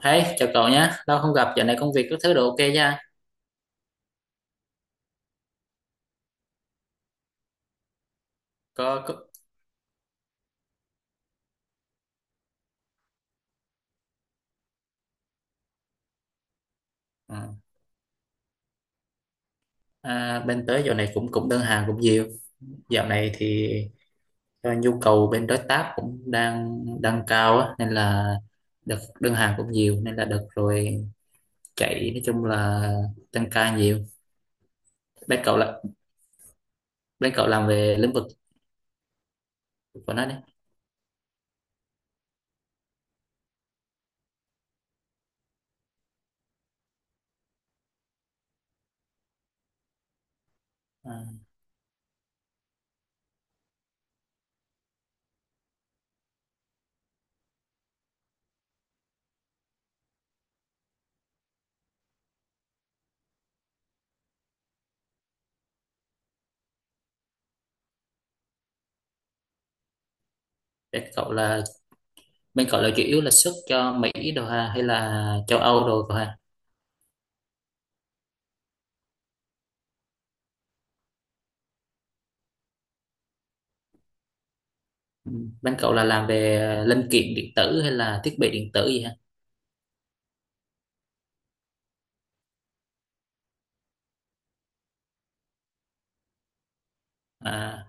Hey, chào cậu nhé, lâu không gặp, dạo này công việc các thứ đều ok nha. Có, có. Ừ. À, bên tới dạo này cũng cũng đơn hàng cũng nhiều. Dạo này thì do nhu cầu bên đối tác cũng đang đang cao á, nên là đợt đơn hàng cũng nhiều nên là đợt rồi chạy nói chung là tăng ca nhiều. Bên cậu là Bên cậu làm về lĩnh vực của nó đấy. À, bên cậu là bên cậu là chủ yếu là xuất cho Mỹ đồ ha hay là châu Âu đồ cậu ha? Ừ. Bên cậu là làm về linh kiện điện tử hay là thiết bị điện tử gì ha? À,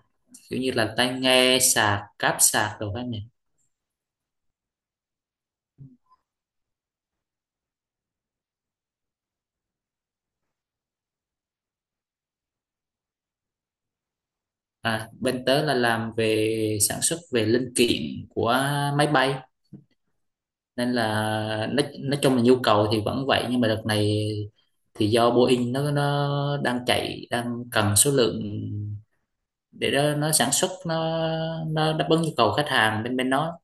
kiểu như là tai nghe sạc cáp sạc đồ các nhỉ. À, bên tớ là làm về sản xuất về linh kiện của máy bay nên là nói chung là nhu cầu thì vẫn vậy, nhưng mà đợt này thì do Boeing nó đang chạy đang cần số lượng để đó nó sản xuất nó đáp ứng nhu cầu khách hàng bên bên nó,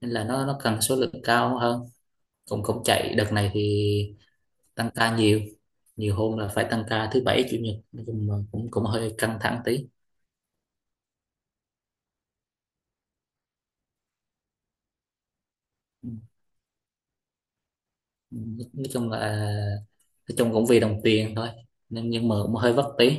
nên là nó cần số lượng cao hơn, cũng cũng chạy đợt này thì tăng ca nhiều, nhiều hôm là phải tăng ca thứ bảy chủ nhật, nói chung là cũng cũng hơi căng thẳng tí. Ừ, ừ, nói chung là nói chung cũng vì đồng tiền thôi nên nhưng mà cũng hơi vất tí.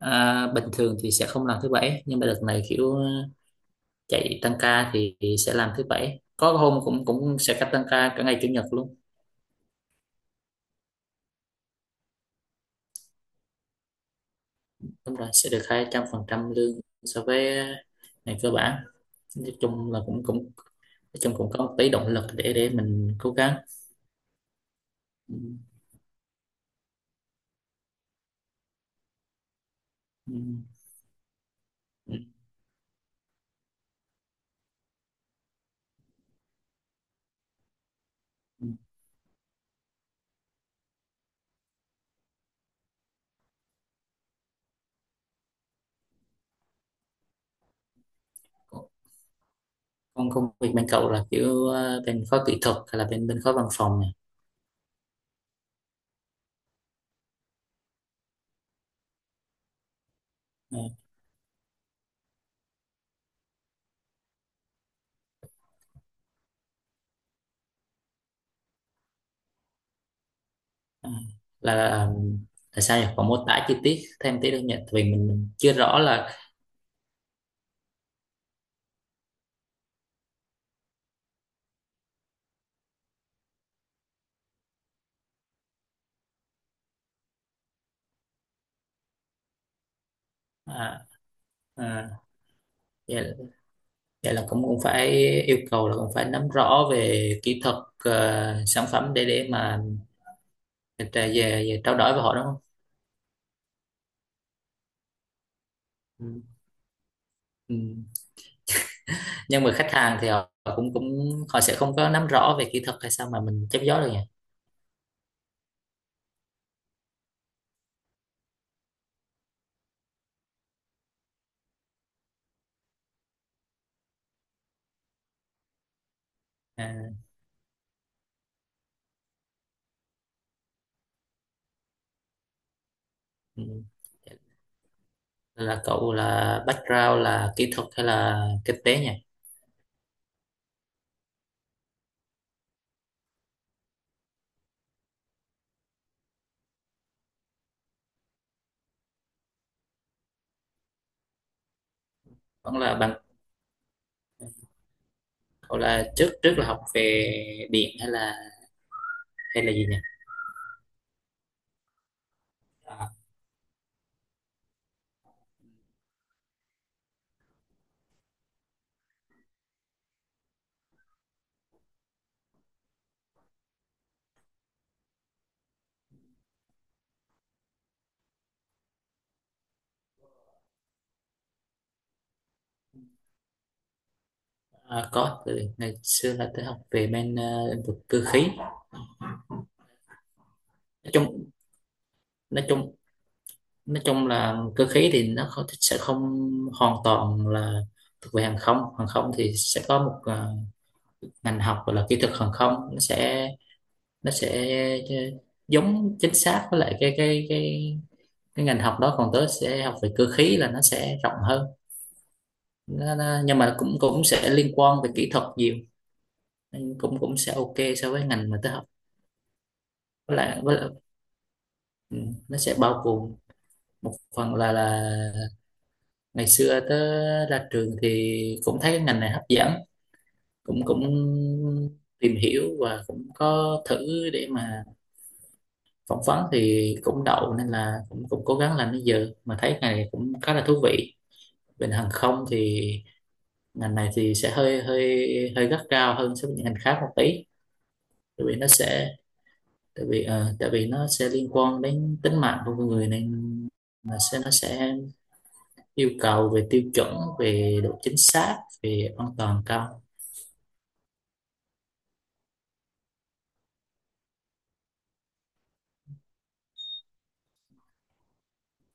À, bình thường thì sẽ không làm thứ bảy, nhưng mà đợt này kiểu chạy tăng ca thì sẽ làm thứ bảy, có hôm cũng cũng sẽ cắt tăng ca cả ngày chủ nhật luôn. Đúng rồi, sẽ được 200% lương so với ngày cơ bản. Nói chung là cũng cũng nói chung cũng có một tí động lực để mình cố gắng. Ừ, ừ, ừ, ừ. Còn công việc bên cậu là kiểu bên khối kỹ thuật hay là bên bên khối văn phòng này? Ờ, ờ, là là sao nhỉ? Còn mô tả chi tiết thêm tí được nhỉ? Tại vì mình chưa rõ là. à, à, vậy, vậy là cũng cũng phải yêu cầu là cũng phải nắm rõ về kỹ thuật, sản phẩm để mà về, về trao đổi với họ đúng không? Ừ. Ừ. Nhưng mà khách hàng thì họ họ cũng cũng họ sẽ không có nắm rõ về kỹ thuật hay sao mà mình chấp gió được nhỉ? À, ừ. Nên là cậu là background là kỹ thuật hay là kinh tế nhỉ? Vẫn là bằng cậu là trước trước là học về điện hay là gì nhỉ? à, có, từ ngày xưa là tôi học về bên lĩnh vực cơ khí. Nói chung nói chung nói chung là cơ khí thì nó không, sẽ không hoàn toàn là thuộc về hàng không. Hàng không thì sẽ có một ngành học gọi là kỹ thuật hàng không, nó sẽ giống chính xác với lại cái ngành học đó, còn tớ sẽ học về cơ khí là nó sẽ rộng hơn, nhưng mà cũng cũng sẽ liên quan về kỹ thuật nhiều. Nên cũng cũng sẽ ok so với ngành mà tớ học. Với lại ừ, nó sẽ bao gồm một phần là ngày xưa tớ ra trường thì cũng thấy cái ngành này hấp dẫn, cũng cũng tìm hiểu và cũng có thử để mà phỏng vấn thì cũng đậu, nên là cũng cũng cố gắng làm đến giờ, mà thấy cái này cũng khá là thú vị. Bên hàng không thì ngành này thì sẽ hơi hơi hơi gắt gao hơn so với những ngành khác một tí. tại vì nó sẽ Tại vì nó sẽ liên quan đến tính mạng của con người, nên mà sẽ nó sẽ yêu cầu về tiêu chuẩn, về độ chính xác, về an toàn cao.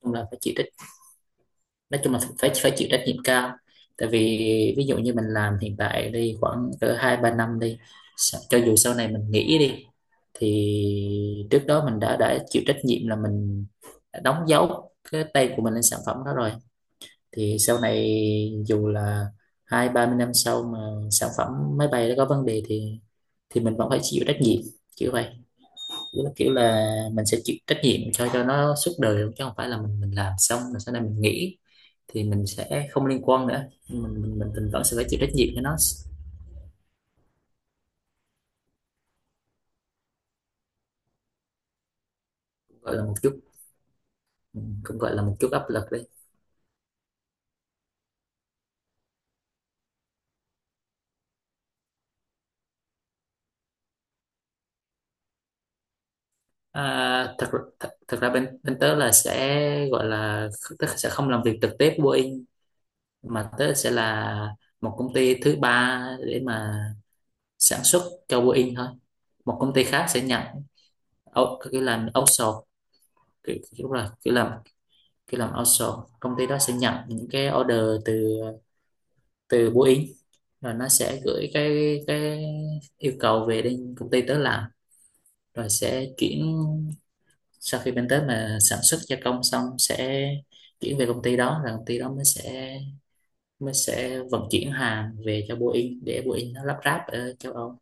chung là phải chỉ trách nói chung là phải phải chịu trách nhiệm cao. Tại vì ví dụ như mình làm hiện tại đi khoảng cỡ 2-3 năm đi, cho dù sau này mình nghỉ đi, thì trước đó mình đã chịu trách nhiệm là mình đã đóng dấu cái tay của mình lên sản phẩm đó rồi. Thì sau này dù là 20-30 năm sau mà sản phẩm máy bay nó có vấn đề, thì mình vẫn phải chịu trách nhiệm, kiểu vậy. Tức là kiểu là mình sẽ chịu trách nhiệm cho nó suốt đời luôn, chứ không phải là mình làm xong rồi sau này mình nghỉ thì mình sẽ không liên quan nữa. Nhưng mình vẫn sẽ phải chịu trách nhiệm cho nó. Gọi là một chút, cũng gọi là một chút áp lực đi. À, thật, thật thật ra bên bên tớ là sẽ gọi là tớ sẽ không làm việc trực tiếp với Boeing, mà tớ sẽ là một công ty thứ ba để mà sản xuất cho Boeing thôi. Một công ty khác sẽ nhận kiểu làm outsource, kiểu làm khi làm outsource công ty đó sẽ nhận những cái order từ từ Boeing, rồi nó sẽ gửi cái yêu cầu về đến công ty tớ làm, rồi sẽ chuyển sau khi bên tớ mà sản xuất gia công xong sẽ chuyển về công ty đó, rồi công ty đó mới sẽ vận chuyển hàng về cho Boeing để Boeing nó lắp ráp ở châu Âu.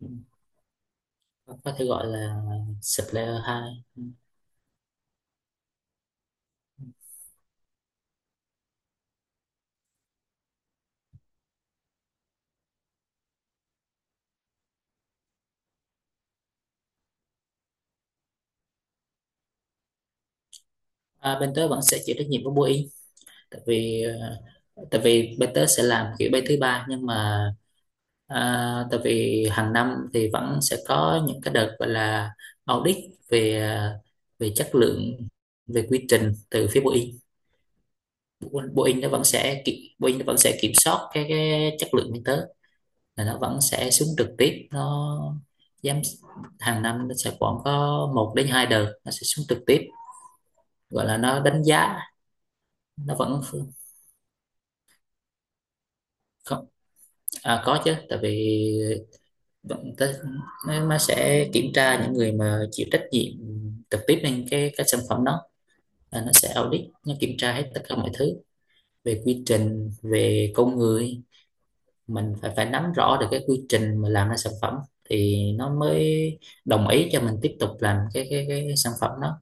Ừ. Có thể gọi là supplier hai. À, bên tớ vẫn sẽ chịu trách nhiệm của Boeing, tại vì tại vì bên tớ sẽ làm kiểu bay thứ ba, nhưng mà tại vì hàng năm thì vẫn sẽ có những cái đợt gọi là audit về về chất lượng, về quy trình từ phía Boeing. Boeing nó vẫn sẽ kiểm Boeing nó vẫn sẽ kiểm soát cái chất lượng bên tớ, là nó vẫn sẽ xuống trực tiếp. Nó giám Hàng năm nó sẽ khoảng có 1 đến 2 đợt nó sẽ xuống trực tiếp, gọi là nó đánh giá. Nó vẫn Không, à, có chứ, tại vì vẫn tới nó sẽ kiểm tra những người mà chịu trách nhiệm trực tiếp lên cái sản phẩm đó, là nó sẽ audit, nó kiểm tra hết tất cả mọi thứ về quy trình, về con người. Mình phải phải nắm rõ được cái quy trình mà làm ra sản phẩm thì nó mới đồng ý cho mình tiếp tục làm cái sản phẩm đó.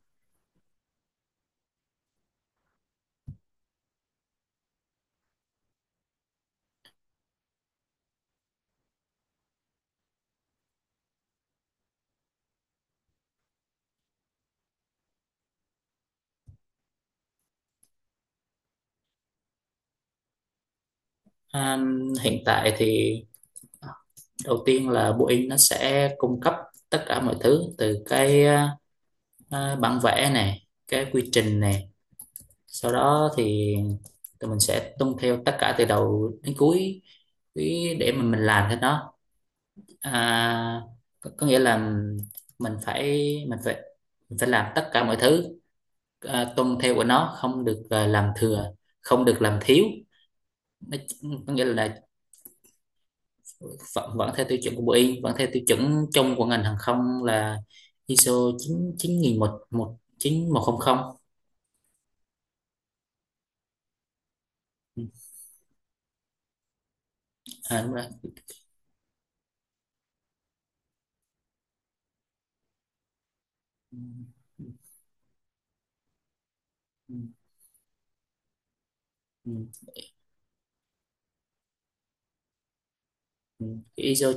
À, hiện tại thì đầu tiên là Boeing nó sẽ cung cấp tất cả mọi thứ, từ cái bản vẽ này, cái quy trình này, sau đó thì tụi mình sẽ tuân theo tất cả từ đầu đến cuối cái để mà mình làm cái đó. À, có nghĩa là mình phải mình phải mình phải làm tất cả mọi thứ, à, tuân theo của nó, không được à, làm thừa, không được làm thiếu nó, có nghĩa là vẫn theo tiêu chuẩn của bộ Y vẫn theo tiêu chuẩn chung của ngành hàng không là ISO 9 9100. À, đúng rồi. Ừ. Ừ. Ừ. ISO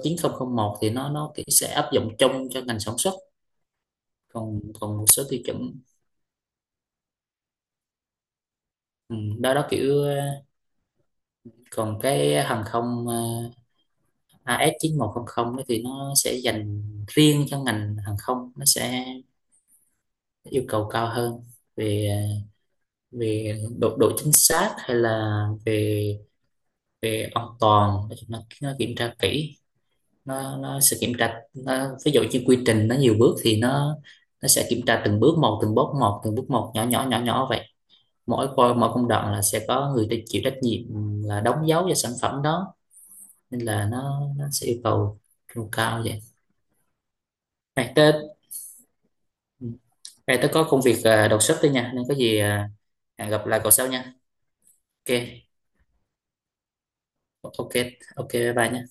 một thì nó kiểu sẽ áp dụng chung cho ngành sản xuất, còn còn một số tiêu chuẩn. Ừ, đó đó kiểu còn cái hàng không AS 9100 đó thì nó sẽ dành riêng cho ngành hàng không, nó sẽ yêu cầu cao hơn về về độ độ chính xác hay là về về an toàn, nói chung là nó kiểm tra kỹ. Nó sẽ kiểm tra nó, ví dụ như quy trình nó nhiều bước thì nó sẽ kiểm tra từng bước một, từng bước một, từng bước một, nhỏ nhỏ nhỏ nhỏ vậy. Mỗi công đoạn là sẽ có người ta chịu trách nhiệm là đóng dấu cho sản phẩm đó, nên là nó sẽ yêu cầu yêu cao vậy. Này tớ này tớ có công việc à, đột xuất thôi nha, nên có gì à, hẹn gặp lại cậu sau nha. Ok. Ok. Ok bye bye nha.